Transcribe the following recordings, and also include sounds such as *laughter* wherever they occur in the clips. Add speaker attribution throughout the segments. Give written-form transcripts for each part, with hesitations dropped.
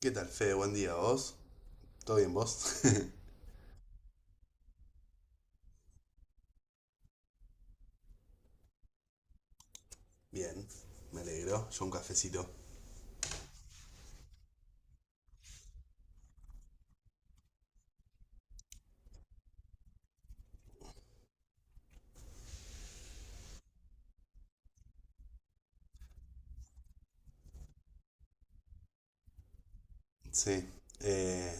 Speaker 1: ¿Qué tal, Fede? Buen día, ¿vos? ¿Todo bien, vos? *laughs* Bien, me alegro. Yo un cafecito. Sí. Eh,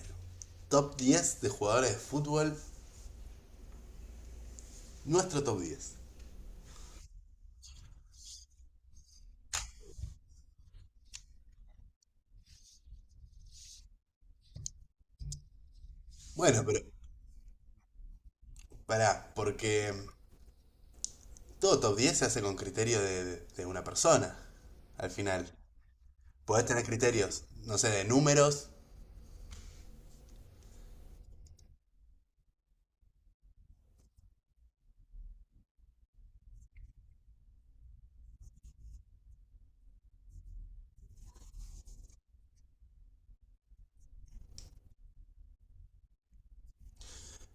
Speaker 1: Top 10 de jugadores de fútbol. Nuestro top diez. Bueno, pero pará, porque todo top 10 se hace con criterio de una persona. Al final. Podés tener criterios, no sé, de números.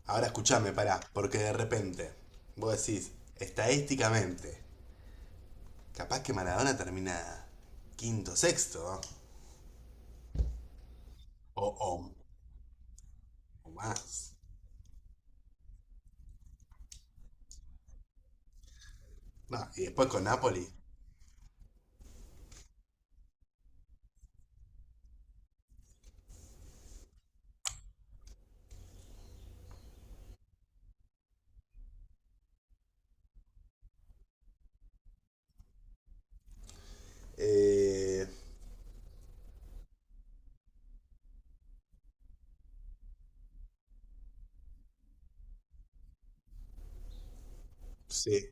Speaker 1: Ahora escuchame, pará, porque de repente vos decís, estadísticamente, capaz que Maradona termina quinto, sexto, ¿no? O, o o más. No, y después con Napoli. Eh, sí.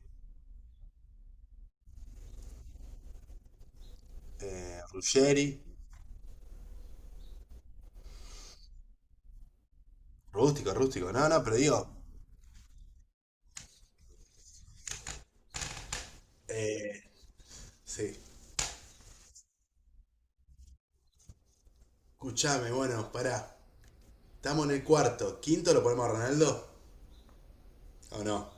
Speaker 1: Ruggeri. Rústico, rústico. No, no, pero digo. eh, sí. Escuchame, bueno, pará. Estamos en el cuarto. ¿Quinto lo ponemos a Ronaldo? ¿O no?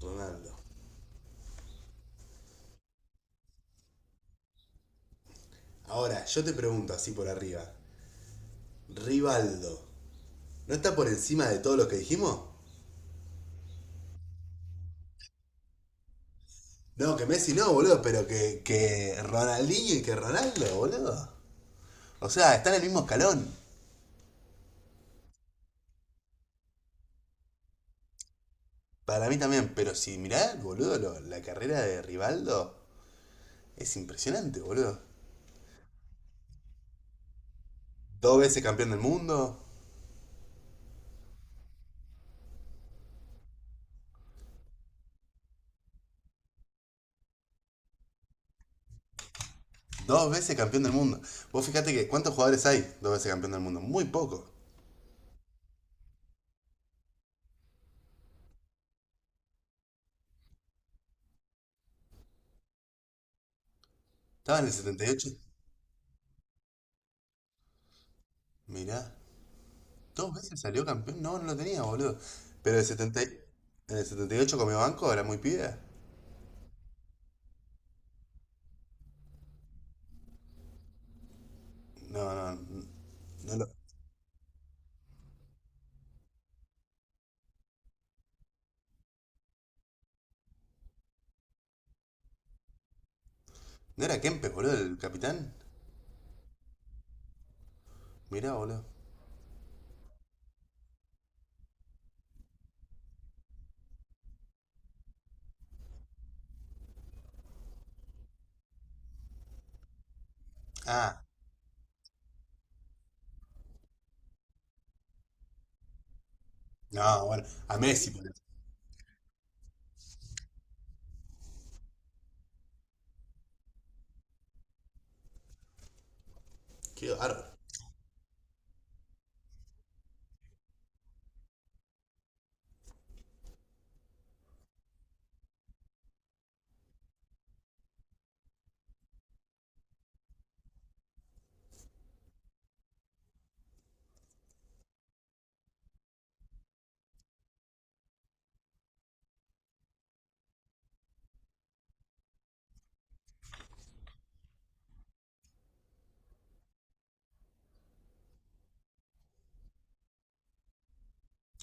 Speaker 1: Ronaldo. Ahora, yo te pregunto así por arriba. Rivaldo. ¿No está por encima de todo lo que dijimos? No, que Messi no, boludo, pero que Ronaldinho y que Ronaldo, boludo. O sea, está en el mismo escalón. Para mí también, pero si mirá, boludo, la carrera de Rivaldo es impresionante, boludo. Dos veces campeón del mundo, dos veces campeón del mundo. Vos fijate que cuántos jugadores hay dos veces campeón del mundo, muy poco. Estaba en el 78, mirá, dos veces salió campeón, no, no lo tenía, boludo. Pero el 70, en el 78 comió banco, era muy pibe. No, no, no, no era Kempes, boludo, el capitán. Mirá, boludo. Ah, no, bueno, a Messi, boludo. Qué bárbaro.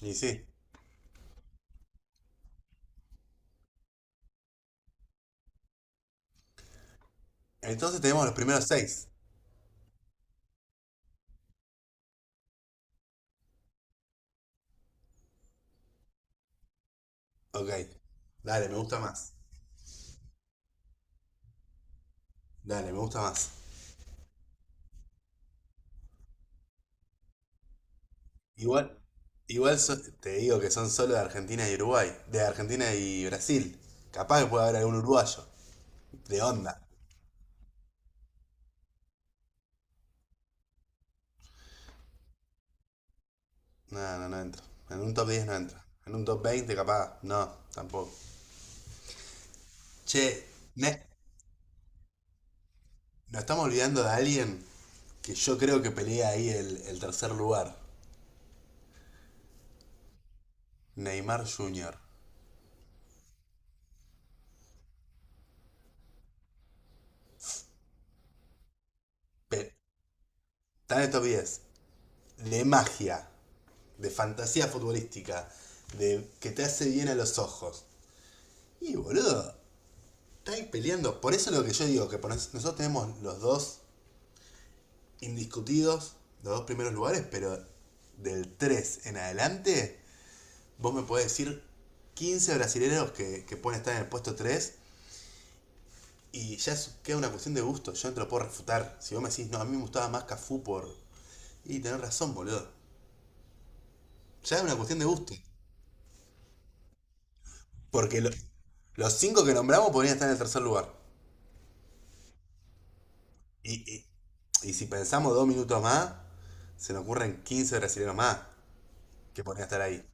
Speaker 1: Y sí. Entonces tenemos los primeros seis. Ok. Dale, me gusta más. Dale, me gusta más. Igual, te digo que son solo de Argentina y Uruguay. De Argentina y Brasil. Capaz que puede haber algún uruguayo. De onda. No, no, no entro. En un top 10 no entra. En un top 20, capaz. No, tampoco. Che, ne- nos estamos olvidando de alguien que yo creo que pelea ahí el tercer lugar. Neymar Jr. Pe- está en el top diez. De magia, de fantasía futbolística, de que te hace bien a los ojos. Y boludo, estáis peleando. Por eso es lo que yo digo, que nosotros tenemos los dos indiscutidos, los dos primeros lugares, pero del 3 en adelante, vos me podés decir 15 brasileños que pueden estar en el puesto 3 y queda una cuestión de gusto. Yo no te lo puedo refutar. Si vos me decís, no, a mí me gustaba más Cafú por. Y tenés razón, boludo. Ya es una cuestión de gusto. Porque los cinco que nombramos podrían estar en el tercer lugar. Y, y si pensamos dos minutos más, se nos ocurren 15 brasileños más que podrían estar ahí.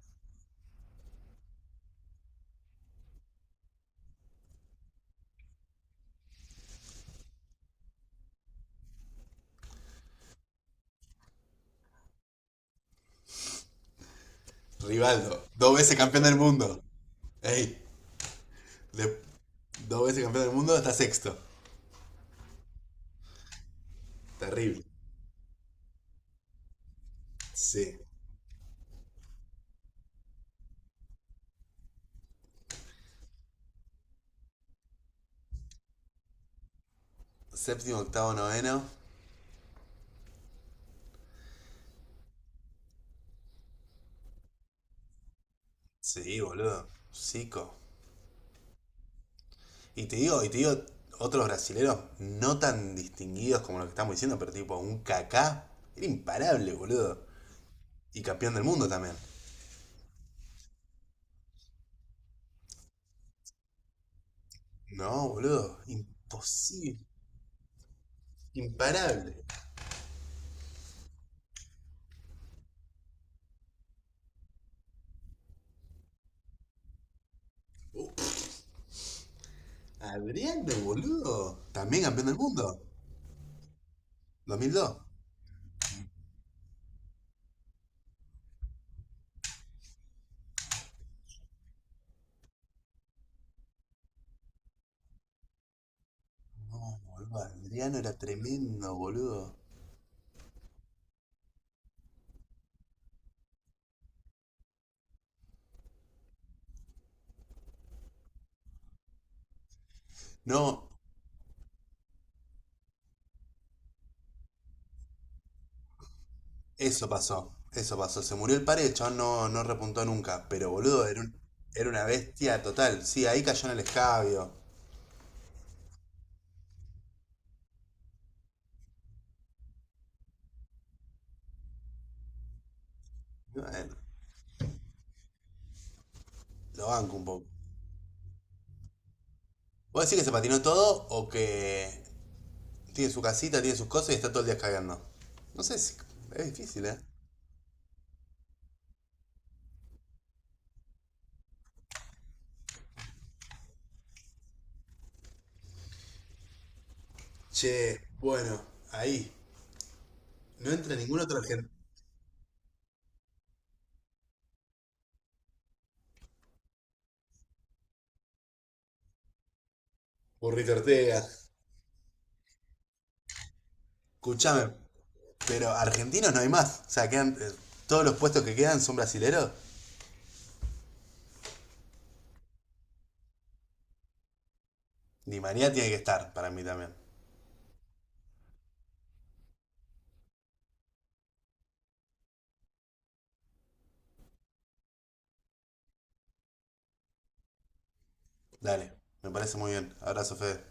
Speaker 1: Rivaldo, dos veces campeón del mundo. Ey, de- dos veces campeón del mundo está sexto. Terrible. Sí. Séptimo, octavo, noveno. Sí, boludo. Cico. Y te digo, otros brasileros no tan distinguidos como lo que estamos diciendo, pero tipo un Kaká. Era imparable, boludo. Y campeón del mundo también. No, boludo. Imposible. Imparable. Adriano, boludo. También campeón del mundo. Dos mil dos. No, boludo. Adriano era tremendo, boludo. No, eso pasó. Eso pasó. Se murió el padre, el chabón no, no repuntó nunca. Pero, boludo, era una bestia total. Sí, ahí cayó en el escabio. Bueno, lo banco un poco. ¿Vos decís que se patinó todo o que tiene su casita, tiene sus cosas y está todo el día cagando? No sé si es difícil, ¿eh? Che, bueno, ahí. No entra ningún otro argentino. Burrito Ortega. Escuchame, pero argentinos no hay más. O sea, quedan, todos los puestos que quedan son brasileros. Ni María tiene que estar, para mí también. Dale, me parece muy bien. Abrazo, Fede.